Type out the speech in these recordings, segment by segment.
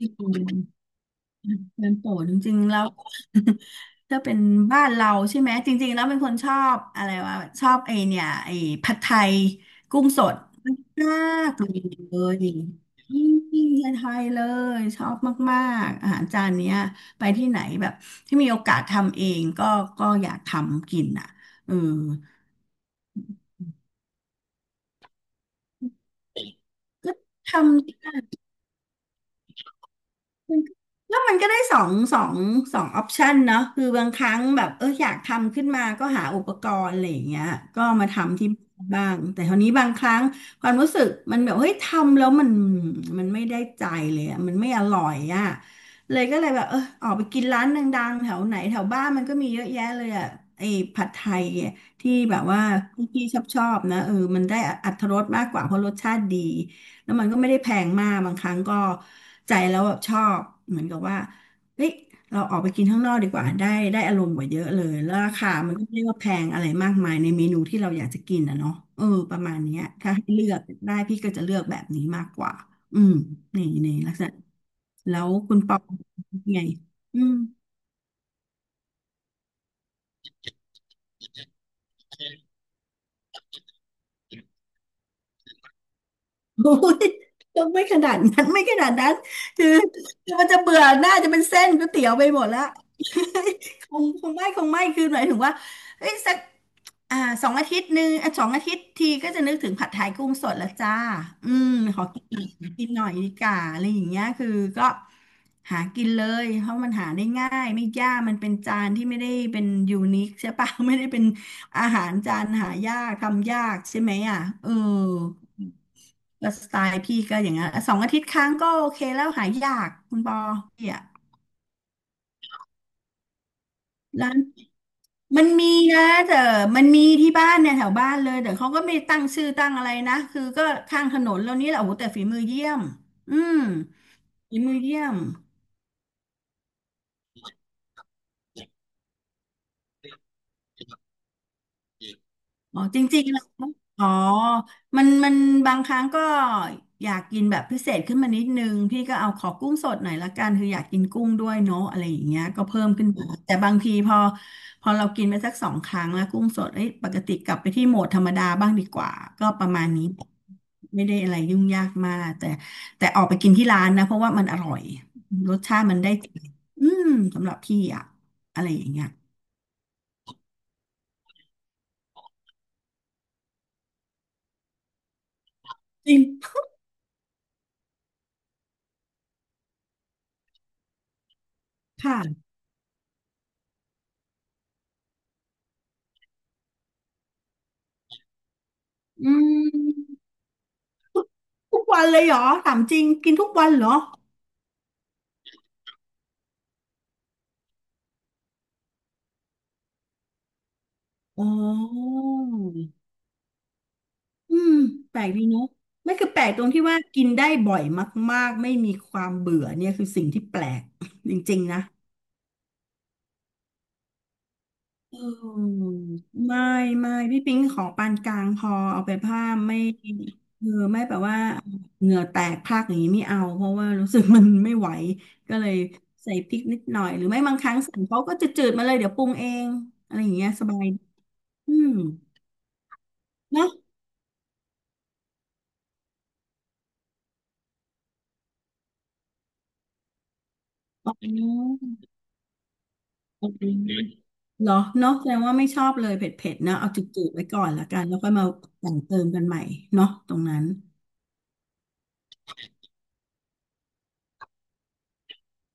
อืม เป็นโปรดจริงๆแล้ว ถ้าเป็นบ้านเราใช่ไหมจริงๆแล้วเป็นคนชอบอะไรวะชอบไอเนี่ยไอผัดไทยกุ้งสดมากเลยอืมผัดไทยเลยชอบมากๆอาหารจานเนี้ยไปที่ไหนแบบที่มีโอกาสทำเองก็อยากทำกินอ่ะเออก็ทำ มันก็แล้วมันก็ได้สองสองออปชันเนาะคือบางครั้งแบบเอออยากทำขึ้นมาก็หาอุปกรณ์อะไรอย่างเงี้ยก็มาทำที่บ้างแต่คราวนี้บางครั้งความรู้สึกมันแบบเฮ้ยทำแล้วมันไม่ได้ใจเลยอะมันไม่อร่อยอ่ะเลยก็เลยแบบเออออกไปกินร้านดังๆแถวไหนแถวบ้านมันก็มีเยอะแยะเลยอ่ะไอ้ผัดไทยอะที่แบบว่าพี่ชอบนะเออมันได้อรรถรสมากกว่าเพราะรสชาติดี แล้วมันก็ไม่ได้แพงมากบางครั้งก็ใจแล้วแบบชอบเหมือนกับว่าเฮ้ยเราออกไปกินข้างนอกดีกว่าได้อารมณ์กว่าเยอะเลยแล้วราคามันก็ไม่ได้ว่าแพงอะไรมากมายในเมนูที่เราอยากจะกินนะเนาะเออประมาณเนี้ยถ้าให้เลือกได้พี่ก็จะเลือกแบบนี้มากกว่า อืมนี่ลักษณะแล้วคุณปอไงอืม โอ้ยก็ไม่ขนาดนั้นคือมันจะเบื่อหน้าจะเป็นเส้นก๋วยเตี๋ยวไปหมดละ คงไม่คือหมายถึงว่าเอ้ยสักอ่าสองอาทิตย์หนึ่งอ่ะสองอาทิตย์ทีก็จะนึกถึงผัดไทยกุ้งสดละจ้าอืมขอกินหน่อยดีกว่าอะไรอย่างเงี้ยคือก็หากินเลยเพราะมันหาได้ง่ายไม่ยากมันเป็นจานที่ไม่ได้เป็นยูนิคใช่ปะ ไม่ได้เป็นอาหารจานหายากทำยากใช่ไหมอ่ะเออ ก็สไตล์พี่ก็อย่างนั้นสองอาทิตย์ครั้งก็โอเคแล้วหายยากคุณปอพี่อะร้านมันมีนะแต่มันมีที่บ้านเนี่ยแถวบ้านเลยแต่เขาก็ไม่ตั้งชื่อตั้งอะไรนะคือก็ข้างถนนแล้วนี่แหละโอ้โหแต่ฝีมือเยี่ยมอืมฝีมือเยี่ยม อ๋อจริงๆแล้วอ๋อมันบางครั้งก็อยากกินแบบพิเศษขึ้นมานิดนึงพี่ก็เอาขอกุ้งสดหน่อยละกันคืออยากกินกุ้งด้วยเนาะอะไรอย่างเงี้ยก็เพิ่มขึ้นมาแต่บางทีพอเรากินไปสักสองครั้งแล้วกุ้งสดเอ้ยปกติกลับไปที่โหมดธรรมดาบ้างดีกว่าก็ประมาณนี้ไม่ได้อะไรยุ่งยากมากแต่ออกไปกินที่ร้านนะเพราะว่ามันอร่อยรสชาติมันได้ใจอืมสำหรับพี่อะอะไรอย่างเงี้ยจริงค่ะอืม ทุกวันเลยเหรอถามจริงกินทุกวันเหรออ๋ออืมแปลกดีเนอะไม่คือแปลกตรงที่ว่ากินได้บ่อยมากๆไม่มีความเบื่อเนี่ยคือสิ่งที่แปลก จริงๆนะเออไม่พี่ปิ๊งของปานกลางพอเอาไปผ้าไม่เออไม่แบบว่าเหงื่อแตกพรากอย่างนี้ไม่เอาเพราะว่ารู้สึกมันไม่ไหวก็เลยใส่พริกนิดหน่อยหรือไม่บางครั้งสั่งเขาก็จะจืดๆมาเลยเดี๋ยวปรุงเองอะไรอย่างเงี้ยสบายอืมเนอะ อ๋อโอเคเหรอเนาะแสดงว่าไม่ชอบเลยเผ็ดๆนะเอาจืดๆไว้ก่อนละกันแล้วค่อยมาแต่งเติมกันใหม่เนาะตรงนั้น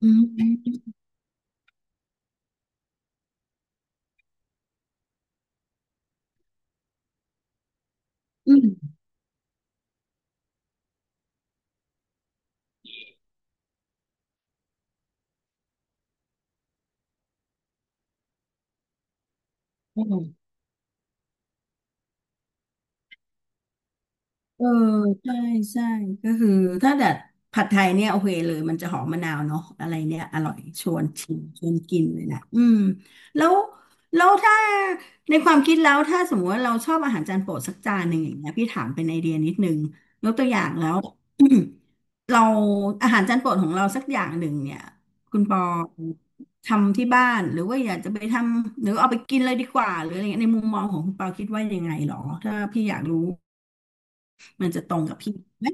อืมอืม เออใช่ใช่ก็คือถ้าดัดผัดไทยเนี่ยโอเคเลยมันจะหอมมะนาวเนาะอะไรเนี่ยอร่อยชวนชิมชวนกินเลยนะอืมแล้วถ้าในความคิดแล้วถ้าสมมติว่าเราชอบอาหารจานโปรดสักจานหนึ่งอย่างเงี้ยพี่ถามเป็นไอเดียนิดนึงยกตัวอย่างแล้ว เราอาหารจานโปรดของเราสักอย่างหนึ่งเนี่ยคุณปอทำที่บ้านหรือว่าอยากจะไปทำหรือเอาไปกินเลยดีกว่าหรืออะไรเงี้ยในมุมมองของคุณปอคิดว่ายังไงหรอถ้าพี่อยากรู้ มันจะตรงกับพี่ไหม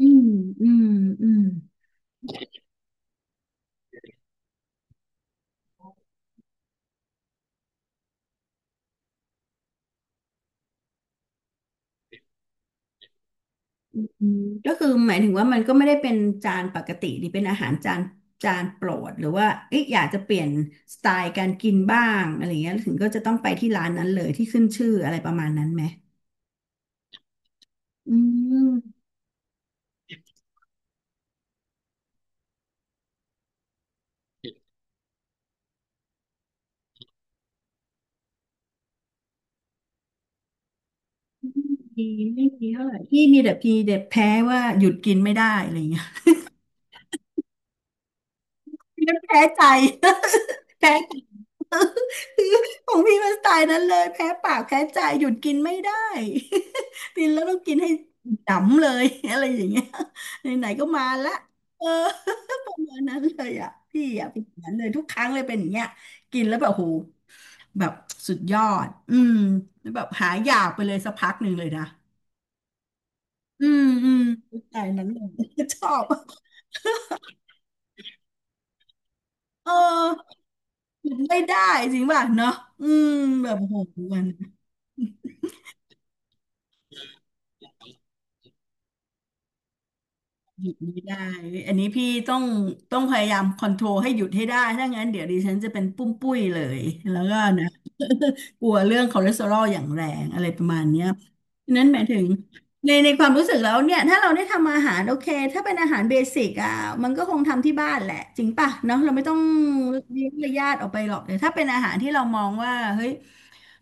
อืมอืมอืมอืมก็คือหมายถึงว่ามันก็ไม่ได้เป็นจานปกติหรือเป็นอาหารจานโปรดหรือว่าเอ๊ะอยากจะเปลี่ยนสไตล์การกินบ้างอะไรเงี้ยถึงก็จะต้องไปที่ร้านนั้นเลยที่ขึ้นชื่ออะไรประมาณนั้นไหมอืมดีไม่ดีเท่าไหร่พี่มีแต่พีเด็่แพ้ว่าหยุดกินไม่ได้อะไรเงี้ยแพ้ใจ แพ้ใจ ของพี่มันสไตล์นั้นเลยแพ้ปากแพ้ใจหยุดกินไม่ได้ กินแล้วต้องกินให้ดำเลย อะไรอย่างเงี้ยไหนๆก็มาละเออประมาณนั้นเลยอ่ะพี่อ่ะเป็นอย่างนั้นเลยทุกครั้งเลยเป็นอย่างเงี้ยกินแล้วแบบโหแบบสุดยอดอืมแล้วแบบหายอยากไปเลยสักพักหนึ่งเลยนะอืมอืมสไตล์นั้นเลย ชอบเออหยุดไม่ได้จริงป่ะเนาะอืมแบบโหมัน หยุดไม่ได้อันนี้พี่ต้องพยายามคอนโทรลให้หยุดให้ได้ถ้างั้นเดี๋ยวดิฉันจะเป็นปุ้มปุ้ยเลย แล้วก็นะ กลัวเรื่องคอเลสเตอรอลอย่างแรงอะไรประมาณเนี้ยฉะนั้นหมายถึงในความรู้สึกแล้วเนี่ยถ้าเราได้ทำอาหารโอเคถ้าเป็นอาหารเบสิกอ่ะมันก็คงทำที่บ้านแหละจริงป่ะเนาะเราไม่ต้องเลี้ยงญาติออกไปหรอกแต่ถ้าเป็นอาหารที่เรามองว่าเฮ้ย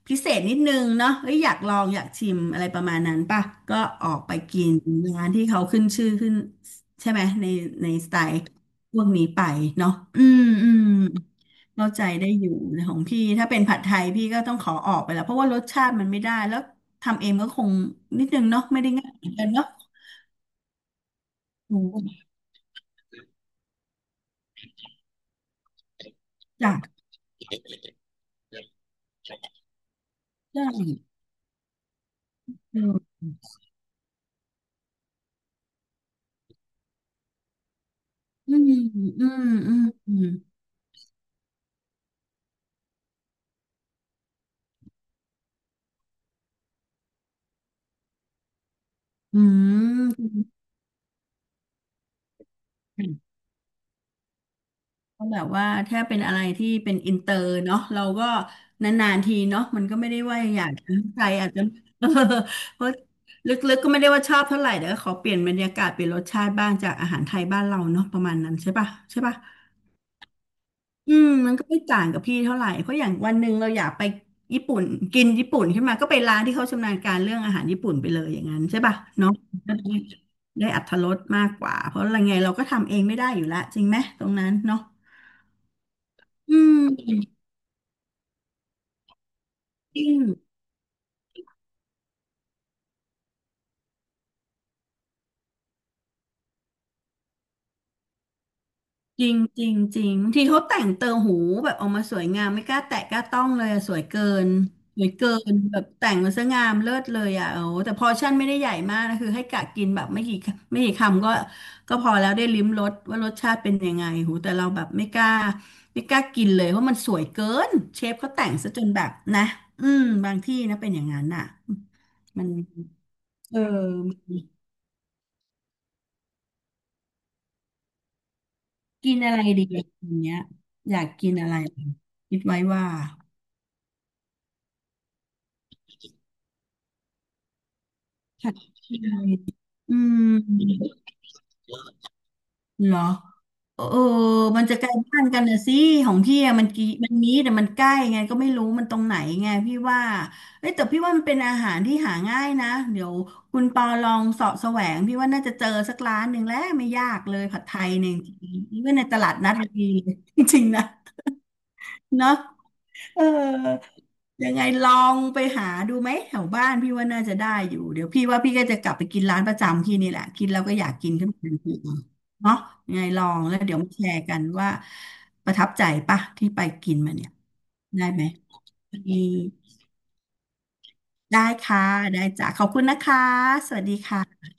พิเศษนิดนึงเนาะเอ้ยอยากลองอยากชิมอะไรประมาณนั้นป่ะก็ออกไปกินร้านที่เขาขึ้นชื่อขึ้นใช่ไหมในสไตล์พวกนี้ไปเนาะอืมอืมเข้าใจได้อยู่นะของพี่ถ้าเป็นผัดไทยพี่ก็ต้องขอออกไปแล้วเพราะว่ารสชาติมันไม่ได้แล้วทำเองก็คงนิดนึงเนาะไม่ได้ง่ายเหมือนกันเนาะอ้จ้ะใช่อืมอืมอืมอืมอืม ก็แบบว่าถ้าเป็นอะไรที่เป็นอินเตอร์เนาะเราก็นานๆทีเนาะมันก็ไม่ได้ว่าอยากจะใจอาจจะ เออเพราะลึกๆก็ไม่ได้ว่าชอบเท่าไหร่แต่ก็ขอเปลี่ยนบรรยากาศเปลี่ยนรสชาติบ้างจากอาหารไทยบ้านเราเนาะประมาณนั้นใช่ปะใช่ปะอืมมันก็ไม่ต่างกับพี่เท่าไหร่เพราะอย่างวันหนึ่งเราอยากไปญี่ปุ่นกินญี่ปุ่นขึ้นมาก็ไปร้านที่เขาชำนาญการเรื่องอาหารญี่ปุ่นไปเลยอย่างนั้นใช่ปะเนาะก็ได้ได้อรรถรสมากกว่าเพราะอะไรไงเราก็ทำเองไม่ได้อยู่ละจริงไหมตรงนั้นเนาะอืม จริงจริงจริงจริงบางทีเขาแต่งเติมหูแบบออกมาสวยงามไม่กล้าแตะกล้าต้องเลยอะสวยเกินแบบแต่งมาซะงามเลิศเลยอ่ะโอ้แต่พอร์ชั่นไม่ได้ใหญ่มากนะคือให้กะกินแบบไม่กี่คำก็พอแล้วได้ลิ้มรสว่ารสชาติเป็นยังไงโหูแต่เราแบบไม่กล้ากินเลยเพราะมันสวยเกินเชฟเขาแต่งซะจนแบบนะอืมบางที่นะเป็นอย่างนั้นน่ะมันเออกินอะไรดีอย่างเงี้ยอยากกินอะไรคิดไว้ว่า ผัดไทยอืมเหรอเออมันจะใกล้บ้านกันนะสิ ของพี่อะมันกี่มันนี้แต่มันใกล้ไงก็ไม่รู้มันตรงไหนไงพี่ว่าเอ้ยแต่พี่ว่ามันเป็นอาหารที่หาง่ายนะ เดี๋ยวคุณปอลองเสาะแสวงพี่ว่าน่าจะเจอสักร้านหนึ่งแล้วไม่ยากเลยผัดไทยเนี่ยจริงๆนี่ว่าในตลาดนัดมันมีจริงๆนะเนาะ เออยังไงลองไปหาดูไหมแถวบ้านพี่ว่าน่าจะได้อยู่เดี๋ยวพี่ว่าพี่ก็จะกลับไปกินร้านประจำพี่นี่แหละกินแล้วก็อยากกินขึ้นมาทันทีเนาะยังไงลองแล้วเดี๋ยวมาแชร์กันว่าประทับใจปะที่ไปกินมาเนี่ยได้ไหมดีได้ค่ะได้จ้ะขอบคุณนะคะสวัสดีค่ะ